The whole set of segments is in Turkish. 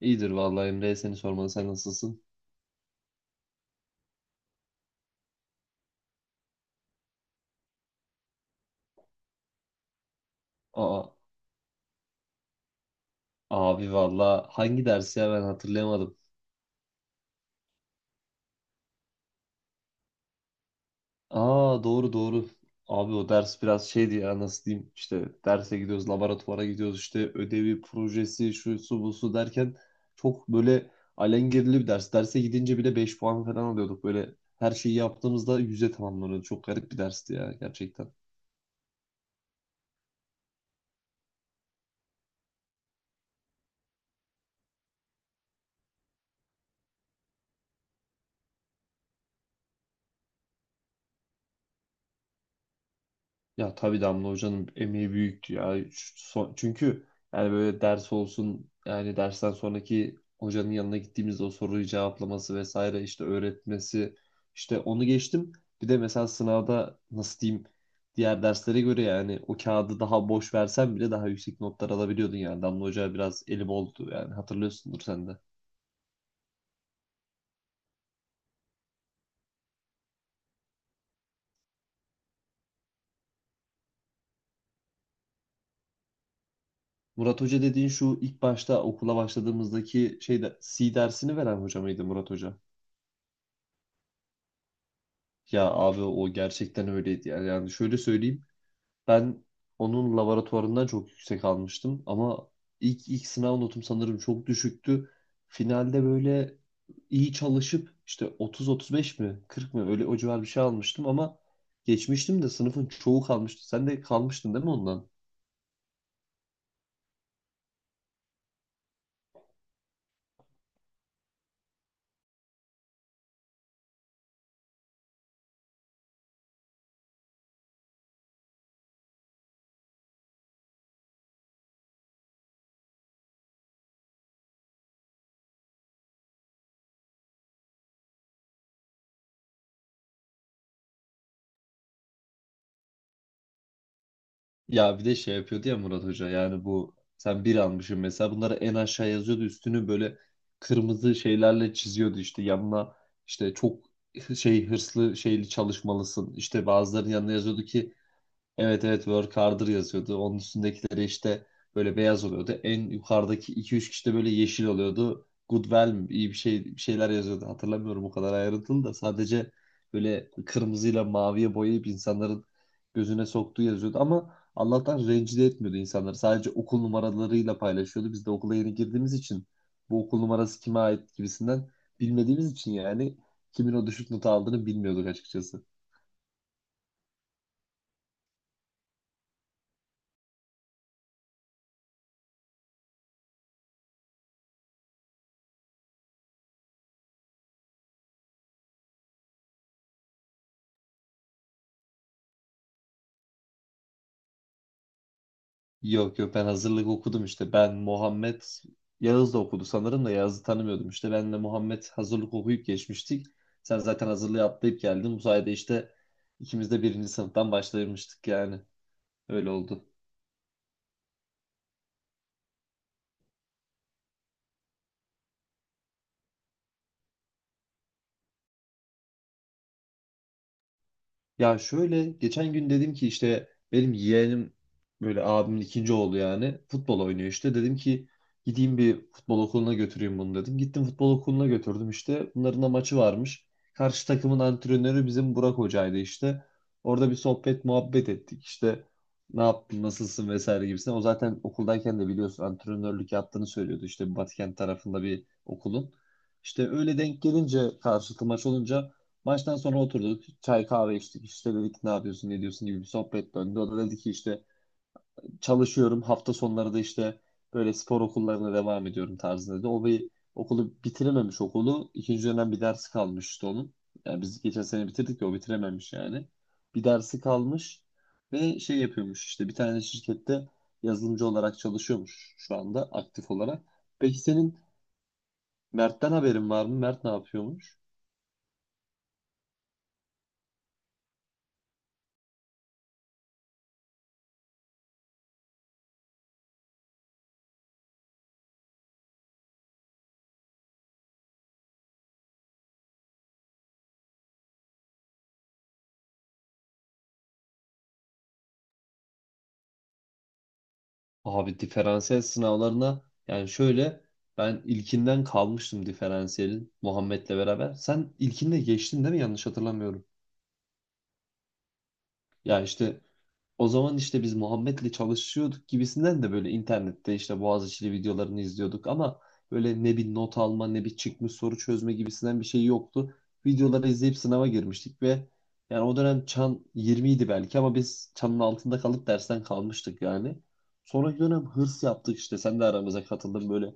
İyidir vallahi Emre seni sormalı sen nasılsın? Aa, abi vallahi hangi ders ya ben hatırlayamadım. Aa, doğru doğru. Abi o ders biraz şeydi ya, nasıl diyeyim, işte derse gidiyoruz, laboratuvara gidiyoruz, işte ödevi, projesi, şu su bu su derken çok böyle alengirli bir ders. Derse gidince bile 5 puan falan alıyorduk, böyle her şeyi yaptığımızda 100'e tamamlanıyordu. Çok garip bir dersti ya gerçekten. Ya tabii Damla Hoca'nın emeği büyüktü ya. Çünkü yani böyle ders olsun, yani dersten sonraki hocanın yanına gittiğimizde o soruyu cevaplaması vesaire, işte öğretmesi, işte onu geçtim. Bir de mesela sınavda nasıl diyeyim, diğer derslere göre yani o kağıdı daha boş versen bile daha yüksek notlar alabiliyordun yani. Damla Hoca biraz eli boldu yani, hatırlıyorsundur sen de. Murat Hoca dediğin şu ilk başta okula başladığımızdaki şeyde C dersini veren hoca mıydı Murat Hoca? Ya abi o gerçekten öyleydi yani. Yani şöyle söyleyeyim. Ben onun laboratuvarından çok yüksek almıştım ama ilk sınav notum sanırım çok düşüktü. Finalde böyle iyi çalışıp işte 30-35 mi 40 mı öyle o civar bir şey almıştım ama geçmiştim de sınıfın çoğu kalmıştı. Sen de kalmıştın değil mi ondan? Ya bir de şey yapıyordu ya Murat Hoca, yani bu sen bir almışsın mesela, bunları en aşağı yazıyordu, üstünü böyle kırmızı şeylerle çiziyordu, işte yanına işte çok şey, hırslı şeyli çalışmalısın işte bazılarının yanına yazıyordu ki evet evet, work harder yazıyordu. Onun üstündekileri işte böyle beyaz oluyordu. En yukarıdaki iki üç kişi de böyle yeşil oluyordu. Good well mi, iyi bir şey, bir şeyler yazıyordu. Hatırlamıyorum o kadar ayrıntılı da, sadece böyle kırmızıyla maviye boyayıp insanların gözüne soktuğu yazıyordu ama Allah'tan rencide etmiyordu insanları. Sadece okul numaralarıyla paylaşıyordu. Biz de okula yeni girdiğimiz için bu okul numarası kime ait gibisinden bilmediğimiz için yani kimin o düşük notu aldığını bilmiyorduk açıkçası. Yok yok, ben hazırlık okudum işte. Ben, Muhammed, Yağız da okudu sanırım da Yağız'ı tanımıyordum işte. Benle Muhammed hazırlık okuyup geçmiştik. Sen zaten hazırlığı atlayıp geldin. Bu sayede işte ikimiz de birinci sınıftan başlamıştık yani. Öyle oldu. Ya şöyle, geçen gün dedim ki işte benim yeğenim, böyle abimin ikinci oğlu, yani futbol oynuyor işte. Dedim ki gideyim bir futbol okuluna götüreyim bunu dedim. Gittim futbol okuluna götürdüm işte. Bunların da maçı varmış. Karşı takımın antrenörü bizim Burak Hoca'ydı işte. Orada bir sohbet muhabbet ettik işte. Ne yaptın, nasılsın vesaire gibisinden. O zaten okuldayken de biliyorsun antrenörlük yaptığını söylüyordu, işte Batıkent tarafında bir okulun. İşte öyle denk gelince karşılıklı maç olunca, maçtan sonra oturduk. Çay kahve içtik. İşte dedik ne yapıyorsun, ne diyorsun gibi bir sohbet döndü. O da dedi ki işte çalışıyorum. Hafta sonları da işte böyle spor okullarına devam ediyorum tarzında dedi. O bir okulu bitirememiş, okulu. İkinci dönem bir dersi kalmış işte onun. Yani biz geçen sene bitirdik ya, o bitirememiş yani. Bir dersi kalmış ve şey yapıyormuş, işte bir tane şirkette yazılımcı olarak çalışıyormuş şu anda aktif olarak. Peki senin Mert'ten haberin var mı? Mert ne yapıyormuş? Abi diferansiyel sınavlarına, yani şöyle, ben ilkinden kalmıştım diferansiyelin, Muhammed'le beraber. Sen ilkinde geçtin değil mi? Yanlış hatırlamıyorum. Ya işte o zaman işte biz Muhammed'le çalışıyorduk gibisinden de böyle internette işte Boğaziçi'li videolarını izliyorduk ama böyle ne bir not alma ne bir çıkmış soru çözme gibisinden bir şey yoktu. Videoları izleyip sınava girmiştik ve yani o dönem çan 20 idi belki ama biz çanın altında kalıp dersten kalmıştık yani. Sonraki dönem hırs yaptık, işte sen de aramıza katıldın böyle.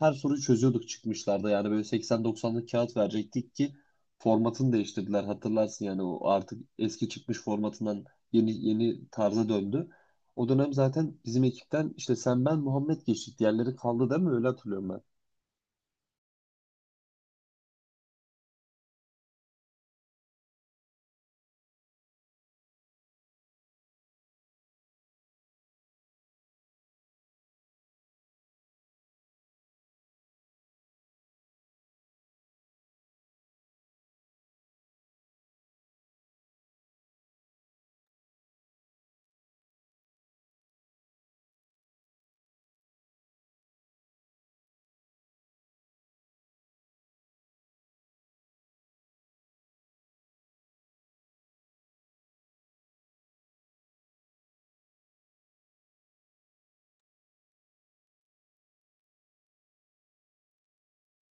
Her soruyu çözüyorduk çıkmışlarda, yani böyle 80-90'lık kağıt verecektik ki formatını değiştirdiler, hatırlarsın, yani o artık eski çıkmış formatından yeni yeni tarza döndü. O dönem zaten bizim ekipten işte sen, ben, Muhammed geçtik. Diğerleri kaldı değil mi? Öyle hatırlıyorum ben.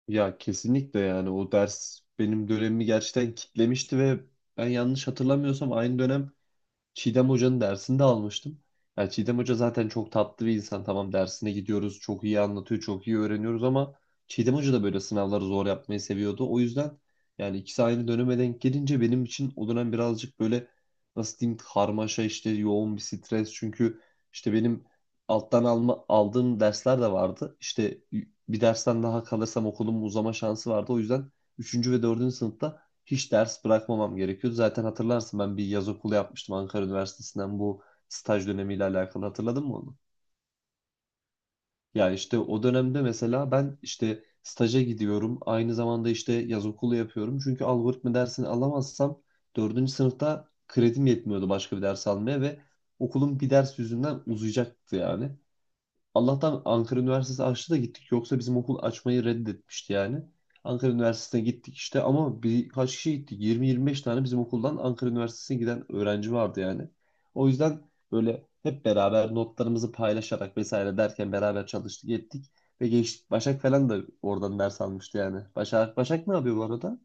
Ya kesinlikle, yani o ders benim dönemimi gerçekten kitlemişti ve ben yanlış hatırlamıyorsam aynı dönem Çiğdem Hoca'nın dersini de almıştım. Yani Çiğdem Hoca zaten çok tatlı bir insan. Tamam, dersine gidiyoruz, çok iyi anlatıyor, çok iyi öğreniyoruz ama Çiğdem Hoca da böyle sınavları zor yapmayı seviyordu. O yüzden yani ikisi aynı döneme denk gelince benim için o dönem birazcık böyle, nasıl diyeyim, karmaşa, işte yoğun bir stres. Çünkü işte benim alttan alma, aldığım dersler de vardı. İşte bir dersten daha kalırsam okulumun uzama şansı vardı. O yüzden üçüncü ve dördüncü sınıfta hiç ders bırakmamam gerekiyordu. Zaten hatırlarsın, ben bir yaz okulu yapmıştım Ankara Üniversitesi'nden, bu staj dönemiyle alakalı, hatırladın mı onu? Ya işte o dönemde mesela ben işte staja gidiyorum. Aynı zamanda işte yaz okulu yapıyorum. Çünkü algoritma dersini alamazsam dördüncü sınıfta kredim yetmiyordu başka bir ders almaya ve okulun bir ders yüzünden uzayacaktı yani. Allah'tan Ankara Üniversitesi açtı da gittik. Yoksa bizim okul açmayı reddetmişti yani. Ankara Üniversitesi'ne gittik işte ama birkaç kişi gittik. 20-25 tane bizim okuldan Ankara Üniversitesi'ne giden öğrenci vardı yani. O yüzden böyle hep beraber notlarımızı paylaşarak vesaire derken beraber çalıştık ettik. Ve geçtik. Başak falan da oradan ders almıştı yani. Başak, Başak ne yapıyor bu arada?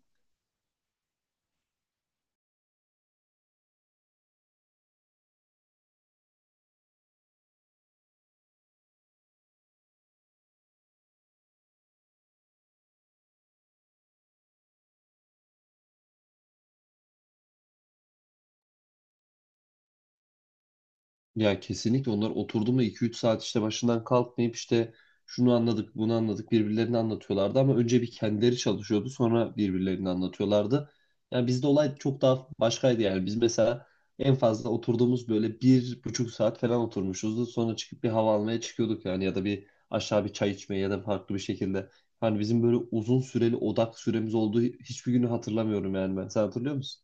Ya kesinlikle, onlar oturdu mu iki üç saat işte başından kalkmayıp işte şunu anladık bunu anladık birbirlerini anlatıyorlardı ama önce bir kendileri çalışıyordu sonra birbirlerini anlatıyorlardı. Yani bizde olay çok daha başkaydı, yani biz mesela en fazla oturduğumuz böyle 1,5 saat falan oturmuşuzdu, sonra çıkıp bir hava almaya çıkıyorduk yani, ya da bir aşağı bir çay içmeye ya da farklı bir şekilde. Hani bizim böyle uzun süreli odak süremiz olduğu hiçbir günü hatırlamıyorum yani ben, sen hatırlıyor musun?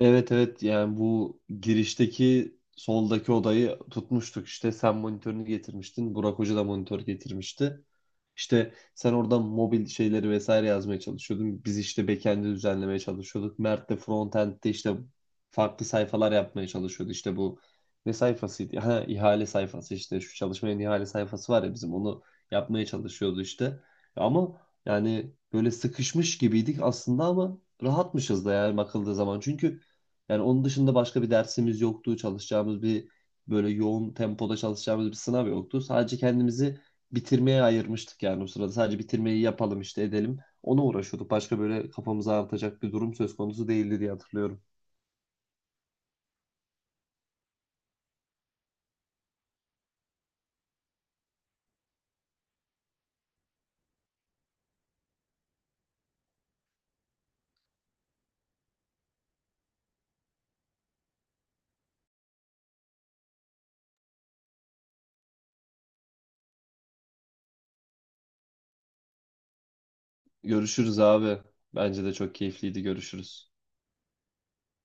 Evet evet, yani bu girişteki soldaki odayı tutmuştuk işte, sen monitörünü getirmiştin, Burak Hoca da monitör getirmişti. İşte sen oradan mobil şeyleri vesaire yazmaya çalışıyordun. Biz işte backend'i düzenlemeye çalışıyorduk. Mert de frontend'de işte farklı sayfalar yapmaya çalışıyordu. İşte bu ne sayfasıydı? Ha, ihale sayfası, işte şu çalışmanın ihale sayfası var ya bizim, onu yapmaya çalışıyordu işte. Ama yani böyle sıkışmış gibiydik aslında ama rahatmışız da yani bakıldığı zaman. Çünkü yani onun dışında başka bir dersimiz yoktu. Çalışacağımız bir, böyle yoğun tempoda çalışacağımız bir sınav yoktu. Sadece kendimizi bitirmeye ayırmıştık yani o sırada. Sadece bitirmeyi yapalım işte, edelim. Ona uğraşıyorduk. Başka böyle kafamızı ağrıtacak bir durum söz konusu değildi diye hatırlıyorum. Görüşürüz abi. Bence de çok keyifliydi. Görüşürüz.